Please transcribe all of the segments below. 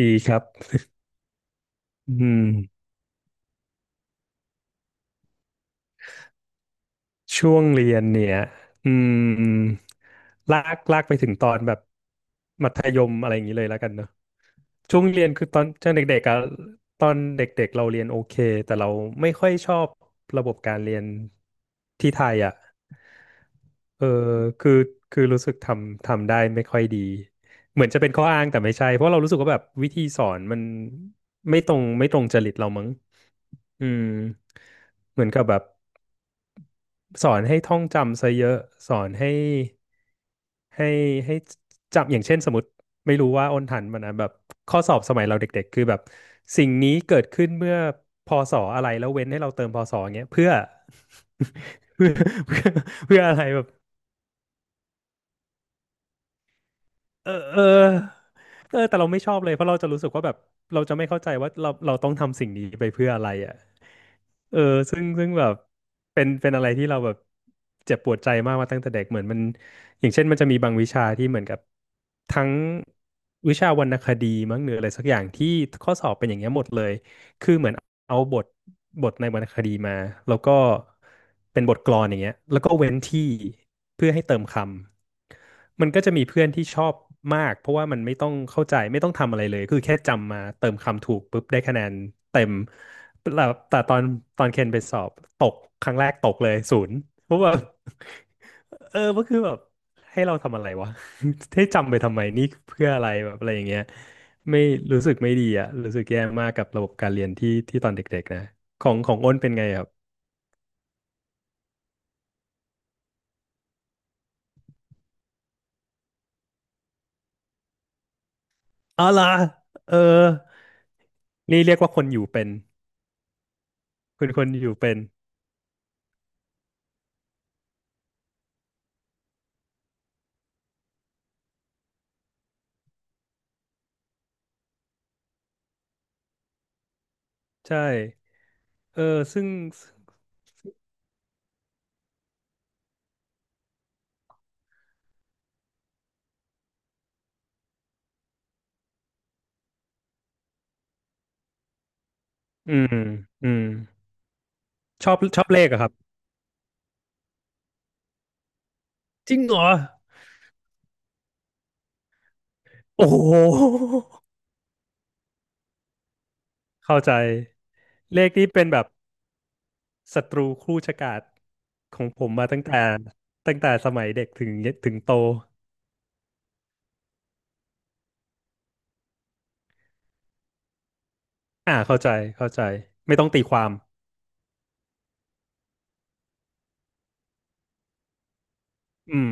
ดีครับอืมช่วงเรียนเนี่ยอืมลากไปถึงตอนแบบมัธยมอะไรอย่างนี้เลยแล้วกันเนอะช่วงเรียนคือตอนช่วงเด็กๆอะตอนเด็กๆเราเรียนโอเคแต่เราไม่ค่อยชอบระบบการเรียนที่ไทยอ่ะเออคือคือรู้สึกทำได้ไม่ค่อยดีเหมือนจะเป็นข้ออ้างแต่ไม่ใช่เพราะเรารู้สึกว่าแบบวิธีสอนมันไม่ตรงจริตเรามั้งอืมเหมือนกับแบบ สอนให้ท่องจำซะเยอะสอนให้ให้ให้จำอย่างเช่นสมมติไม่รู้ว่าอ้นทันมันนะแบบข้อสอบสมัยเราเด็กๆคือแบบสิ่งนี้เกิดขึ้นเมื่อพศอะไรแล้วเว้นให้เราเติมพศอย่างเงี้ยเพื่อ เพื่อเพื่อ เพื่ออะไรแบบเออเออเออแต่เราไม่ชอบเลยเพราะเราจะรู้สึกว่าแบบเราจะไม่เข้าใจว่าเราต้องทำสิ่งนี้ไปเพื่ออะไรอ่ะ เออซึ่งแบบเป็นอะไรที่เราแบบเจ็บปวดใจมากมาตั้งแต่เด็กเหมือนมันอย่างเช่นมันจะมีบางวิชาที่เหมือนกับทั้งวิชาวรรณคดีมั้งหรืออะไรสักอย่างที่ข้อสอบเป็นอย่างเงี้ยหมดเลยคือเหมือนเอาบทในวรรณคดีมาแล้วก็เป็นบทกลอนอย่างเงี้ยแล้วก็เว้นที่เพื่อให้เติมคำมันก็จะมีเพื่อนที่ชอบมากเพราะว่ามันไม่ต้องเข้าใจไม่ต้องทำอะไรเลยคือแค่จำมาเติมคำถูกปุ๊บได้คะแนนเต็ม แต่แต่ตอนเคนไปสอบตกครั้งแรกตกเลยศูนย์เพราะว่า เออก็คือแบบให้เราทำอะไรวะ ให้จำไปทำไมนี่เพื่ออะไรแบบอะไรอย่างเงี้ยไม่รู้สึกไม่ดีอะรู้สึกแย่มากกับระบบการเรียนที่ตอนเด็กๆนะของอ้นเป็นไงครับอ๋อเหรอเออนี่เรียกว่าคนอยู่เป็นคุณคนอยู่เป็นใช่เออซึ่งอืมอืมชอบเลขอะครับจริงเหรอโอ้โห เข้าใจเลขนี้เป็นแบบศัตรูคู่ชะกาจของผมมาตั้งแต่ตั้งแต่สมัยเด็กถึงถึงโตอ่าเข้าใจเข้าใจไม่ต้องตีความอืม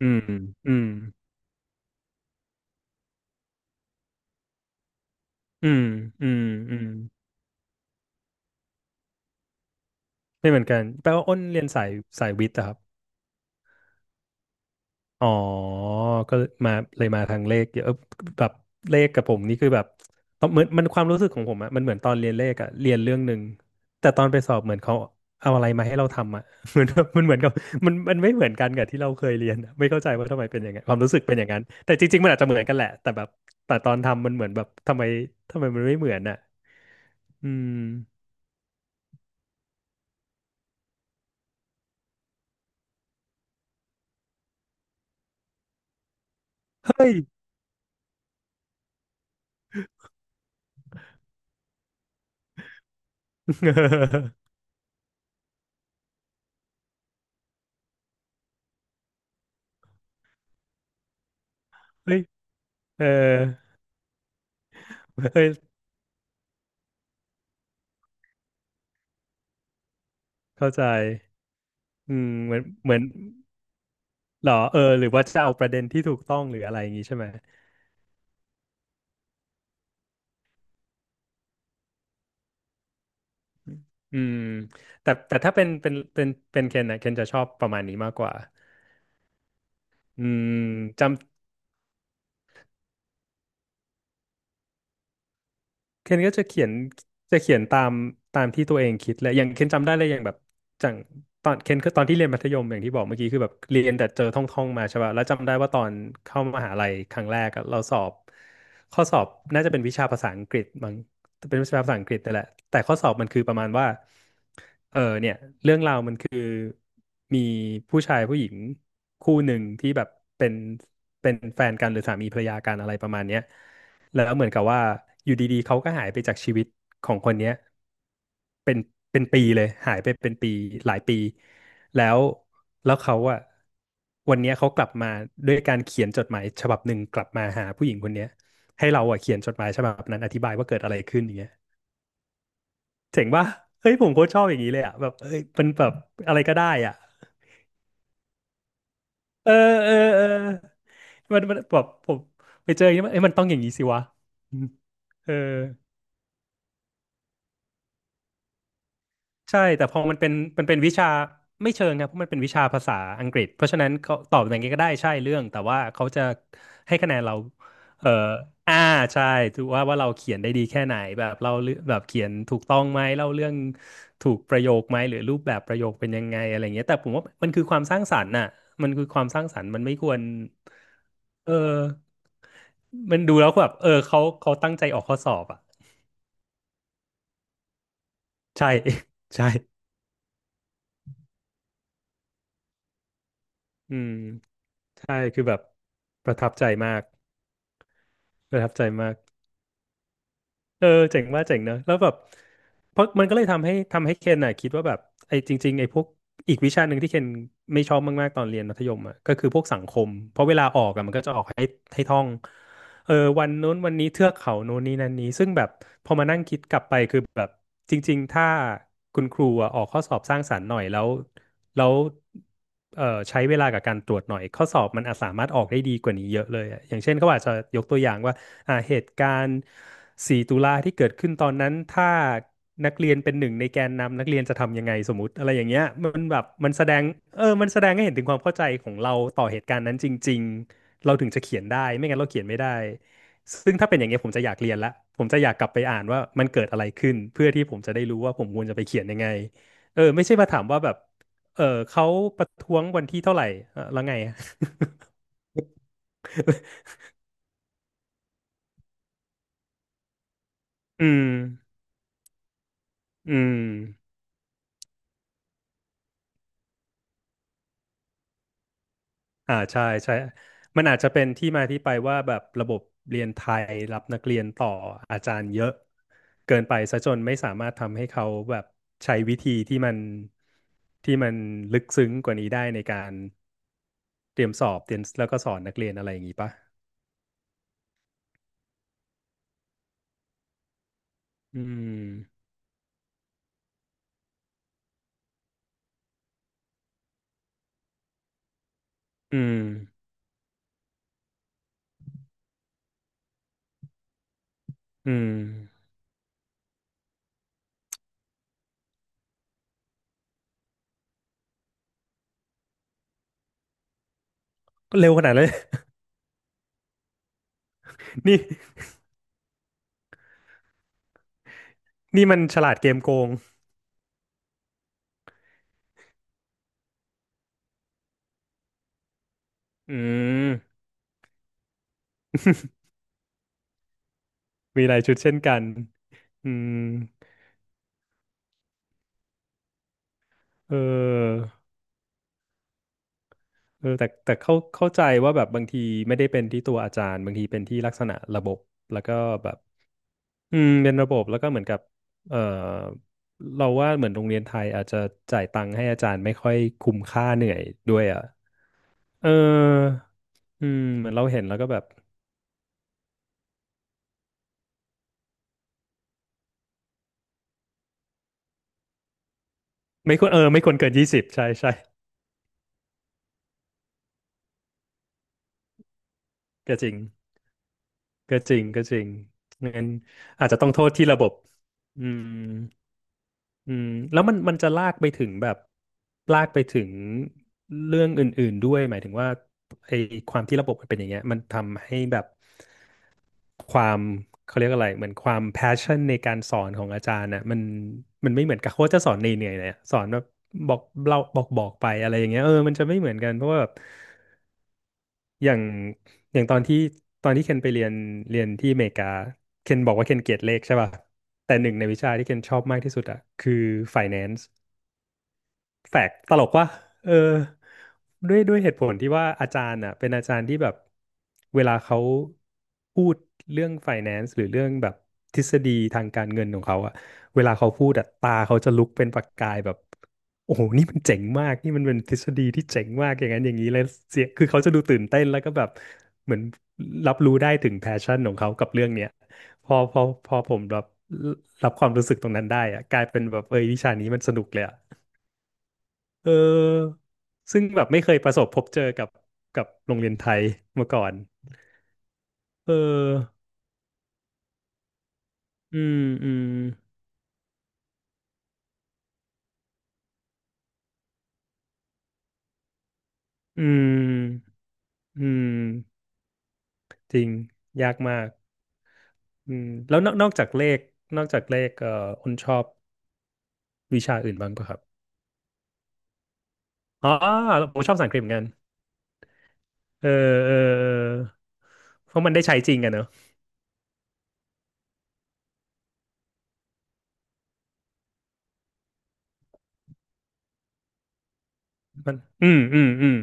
อืมอืมอืมอืมอืมไม่เหมือนกันแปลว่าอ้นเรียนสายสายวิทย์อะครับ อ๋อก็มาเลยมาทางเลขเยอะเออแบบเลขกับผมนี่คือแบบตอนเหมือนมันความรู้สึกของผมอะมันเหมือนตอนเรียนเลขอะเรียนเรื่องหนึ่งแต่ตอนไปสอบเหมือนเขาเอาอะไรมาให้เราทำอะ เหมือนแบบมันเหมือนกับมันไม่เหมือนกันกับที่เราเคยเรียนอะไม่เข้าใจว่าทำไมเป็นอย่างนั้นความรู้สึกเป็นอย่างนั้นแต่จริงๆมันอาจจะเหมือนกันแหละแต่แบบแต่ตอนทำมันเหมือนแบบทำไมมันไม่เหมือนอะอืมเฮ้ย เฮ้ยเออเฮ้ยเข้าใจอืมเหมือน หรอเออหรือว่าจะเอาประเด็นที่ถูกต้องหรืออะไรอย่างงี้ใช่ไหมอืมแต่ถ้าเป็นเคนนะเคนจะชอบประมาณนี้มากกว่าอืมจำ เคนก็จะเขียนจะเขียนตามที่ตัวเองคิดแหละอย่างเคนจำได้เลยอย่างแบบจังตอนเคนคือตอนที่เรียนมัธยมอย่างที่บอกเมื่อกี้คือแบบเรียนแต่เจอท่องมาใช่ป่ะแล้วจำได้ว่าตอนเข้ามหาลัยครั้งแรกอะเราสอบข้อสอบน่าจะเป็นวิชาภาษาอังกฤษมั้งเป็นวิชาภาษาอังกฤษนี่แหละแต่ข้อสอบมันคือประมาณว่าเออเนี่ยเรื่องราวมันคือมีผู้ชายผู้หญิงคู่หนึ่งที่แบบเป็นเป็นแฟนกันหรือสามีภรรยากันอะไรประมาณเนี้ย แล้วเหมือนกับว่าอยู่ดีๆเขาก็หายไปจากชีวิตของคนเนี้ยเป็นเป็นปีเลยหายไปเป็นปีหลายปีแล้วแล้วเขาอะวันเนี้ยเขากลับมาด้วยการเขียนจดหมายฉบับหนึ่งกลับมาหาผู้หญิงคนเนี้ยให้เราอะเขียนจดหมายฉบับนั้นอธิบายว่าเกิดอะไรขึ้นอย่างเงี้ยเจ๋งป่ะเฮ้ยผมโคตรชอบอย่างนี้เลยอะแบบเอ้ยมันแบบอะไรก็ได้อ่ะเออเออมันแบบผมไปเจออย่างนี้มันเอ้ยมันต้องอย่างนี้สิวะอืมเออ ใช่แต่พอมันเป็นมันเป็นวิชาไม่เชิงครับเพราะมันเป็นวิชาภาษาอังกฤษเพราะฉะนั้นเขาตอบอย่างไงก็ได้ใช่เรื่องแต่ว่าเขาจะให้คะแนนเราเอ่ออ่าใช่ถือว่าเราเขียนได้ดีแค่ไหนแบบเราเรื่องแบบเขียนถูกต้องไหมเล่าเรื่องถูกประโยคไหมหรือรูปแบบประโยคเป็นยังไงอะไรเงี้ยแต่ผมว่ามันคือความสร้างสรรค์น่ะมันคือความสร้างสรรค์มันไม่ควรเออมันดูแล้วแบบเออเขาตั้งใจออกข้อสอบอ่ะใช่ ใช่ อืมใช่คือแบบประทับใจมากประทับใจมากเออเจ๋งว่าเจ๋งเนอะแล้วแบบเพราะมันก็เลยทำให้เคนน่ะคิดว่าแบบไอ้จริงๆไอ้พวกอีกวิชาหนึ่งที่เคนไม่ชอบมากๆตอนเรียนมัธยมอ่ะก็คือพวกสังคมเพราะเวลาออกอ่ะมันก็จะออกให้ให้ท่อง เออวันนู้นวันนี้เทือกเขาโน้นนี้นั่นนี้ซึ่งแบบพอมานั่งคิดกลับไปคือแบบจริงๆถ้าคุณครูอะออกข้อสอบสร้างสรรค์หน่อยแล้วแล้วเออใช้เวลากับการตรวจหน่อยข้อสอบมันอาจสามารถออกได้ดีกว่านี้เยอะเลยอะอย่างเช่นเขาอาจจะยกตัวอย่างว่าอ่าเหตุการณ์สี่ตุลาที่เกิดขึ้นตอนนั้นถ้านักเรียนเป็นหนึ่งในแกนนำนักเรียนจะทำยังไงสมมติอะไรอย่างเงี้ยมันแบบมันแสดงเออมันแสดงให้เห็นถึงความเข้าใจของเราต่อเหตุการณ์นั้นจริง เราถึงจะเขียนได้ไม่งั้นเราเขียนไม่ได้ซึ่งถ้าเป็นอย่างเงี้ยผมจะอยากเรียนละผมจะอยากกลับไปอ่านว่ามันเกิดอะไรขึ้นเพื่อที่ผมจะได้รู้ว่าผมควรจะไปเขียนยังไงเออไม่ใช่มาถามว่าแบบเออเขาประท้วงวันที่เท่าไหร่เออแล้วไงอะ อืมอืม อ่าใช่ใช่มันอาจจะเป็นที่มาที่ไปว่าแบบระบบเรียนไทยรับนักเรียนต่ออาจารย์เยอะเกินไปซะจนไม่สามารถทำให้เขาแบบใช้วิธีที่มันที่มันลึกซึ้งกว่านี้ได้ในการเตรียมสอบเตรียมแล้วก็สอนนักเรียนอะไรอย่างนี้ปะอืมอืมอืมก็เร็วขนาดเลย นี่ นี่มันฉลาดเกมโกงอืม มีรายชุดเช่นกันอืมเออ เออแต่แต่เข้าเข้าใจว่าแบบบางทีไม่ได้เป็นที่ตัวอาจารย์บางทีเป็นที่ลักษณะระบบแล้วก็แบบอืมเป็นระบบแล้วก็เหมือนกับเออเราว่าเหมือนโรงเรียนไทยอาจจะจ่ายตังค์ให้อาจารย์ไม่ค่อยคุ้มค่าเหนื่อยด้วยอ่ะเอออืมเหมือนเราเห็นแล้วก็แบบไม่ควรเออไม่ควรเกินยี่สิบใช่ใช่ก็จริงก็จริงงั้นอาจจะต้องโทษที่ระบบอืม อืมแล้วมันมันจะลากไปถึงแบบลากไปถึงเรื่องอื่นๆด้วยหมายถึงว่าไอ้ความที่ระบบมันเป็นอย่างเงี้ยมันทำให้แบบความเขาเรียกอะไรเหมือนความ passion ในการสอนของอาจารย์นะมันมันไม่เหมือนกับโค้ชจะสอนเหนื่อยๆเลยอะสอนแบบบอกเราบอกไปอะไรอย่างเงี้ยเออมันจะไม่เหมือนกันเพราะว่าแบบอย่างอย่างตอนที่ตอนที่เคนไปเรียนเรียนที่อเมริกาเคนบอกว่าเคนเกลียดเลขใช่ป่ะแต่หนึ่งในวิชาที่เคนชอบมากที่สุดอะคือ finance แปลกตลกว่าเออด้วยเหตุผลที่ว่าอาจารย์อ่ะเป็นอาจารย์ที่แบบเวลาเขาพูดเรื่อง finance หรือเรื่องแบบทฤษฎีทางการเงินของเขาอ่ะเวลาเขาพูดอ่ะตาเขาจะลุกเป็นประกายแบบโอ้โหนี่มันเจ๋งมากนี่มันเป็นทฤษฎีที่เจ๋งมากอย่างนั้นอย่างนี้เลยเสียคือเขาจะดูตื่นเต้นแล้วก็แบบเหมือนรับรู้ได้ถึงแพชชั่นของเขากับเรื่องเนี้ยพอผมรับรับความรู้สึกตรงนั้นได้อะกลายเป็นแบบเอยวิชานี้มันสนุกเลยอะ เออซึ่งแบบไม่เคยประสบพบเจอกับกับโรงเรียนไทยมาก่อน เอออืมอืมอืมอืมจริง ยากมาก อืม แล้วนอกนอกจากเลข นอกจากเลขคุณชอบวิชาอื่นบ้างปะครับ อ๋อผมชอบภาษาอังกฤษเหมือนกันเออเออ เออ เพราะมันได้ใช้จริงอะเนอะมันอืมอืมอืม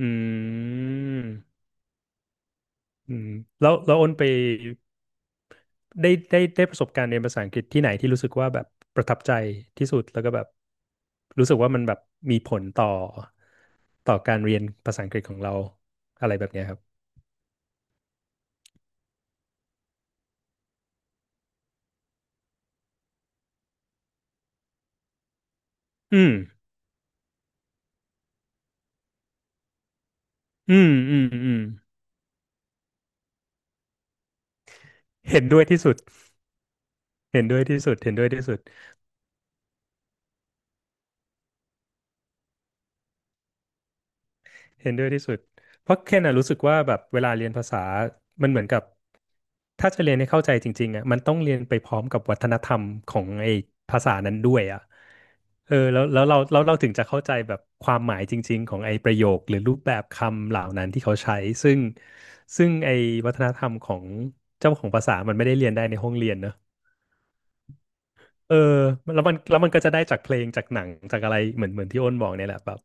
อืมอืมแล้วอ้นไป ได้ได้ประสบการณ์เรียนภาษาอังกฤษที่ไหนที่รู้สึกว่าแบบประทับใจที่สุดแล้วก็แบบรู้สึกว่ามันแบบมีผลต่อต่อการเรียนภาษาอังกฤษของเราอะไรแบบเนี้ยครับอืมอืมอืมอืมเห็นด้วยที่สุดเห็นด้วยที่สุดเห็นด้วยที่สุดเห็นด้วยที่สุดเพราะแค่น่ะรู้สึกว่าแบบเวลาเรียนภาษามันเหมือนกับถ้าจะเรียนให้เข้าใจจริงๆอ่ะมันต้องเรียนไปพร้อมกับวัฒนธรรมของไอ้ภาษานั้นด้วยอ่ะ เออแล้วเราถึงจะเข้าใจแบบความหมายจริงๆของไอ้ประโยคหรือรูปแบบคำเหล่านั้นที่เขาใช้ซึ่งไอ้วัฒนธรรมของเจ้าของภาษามันไม่ได้เรียนได้ในห้องเรียนเนอะเออแล้วมันก็จะได้จากเพลงจากหนังจากอะไรเหมือนที่อ้นบอกเนี่ยแหละแบบ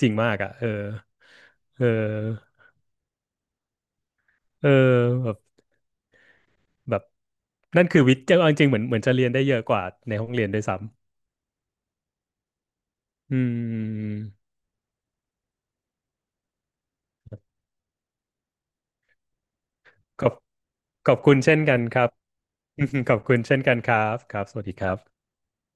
จริงมากอ่ะเออเออเออแบบแบบนั่นคือวิทย์เอาจริงๆเหมือนจะเรียนได้เยอะกว่าในห้องเรียนด้วยซ้ำอืม ขอบขอบคุณเช่นกันครับ ขอบคุณเช่นกันครับครับสวัสดีครับ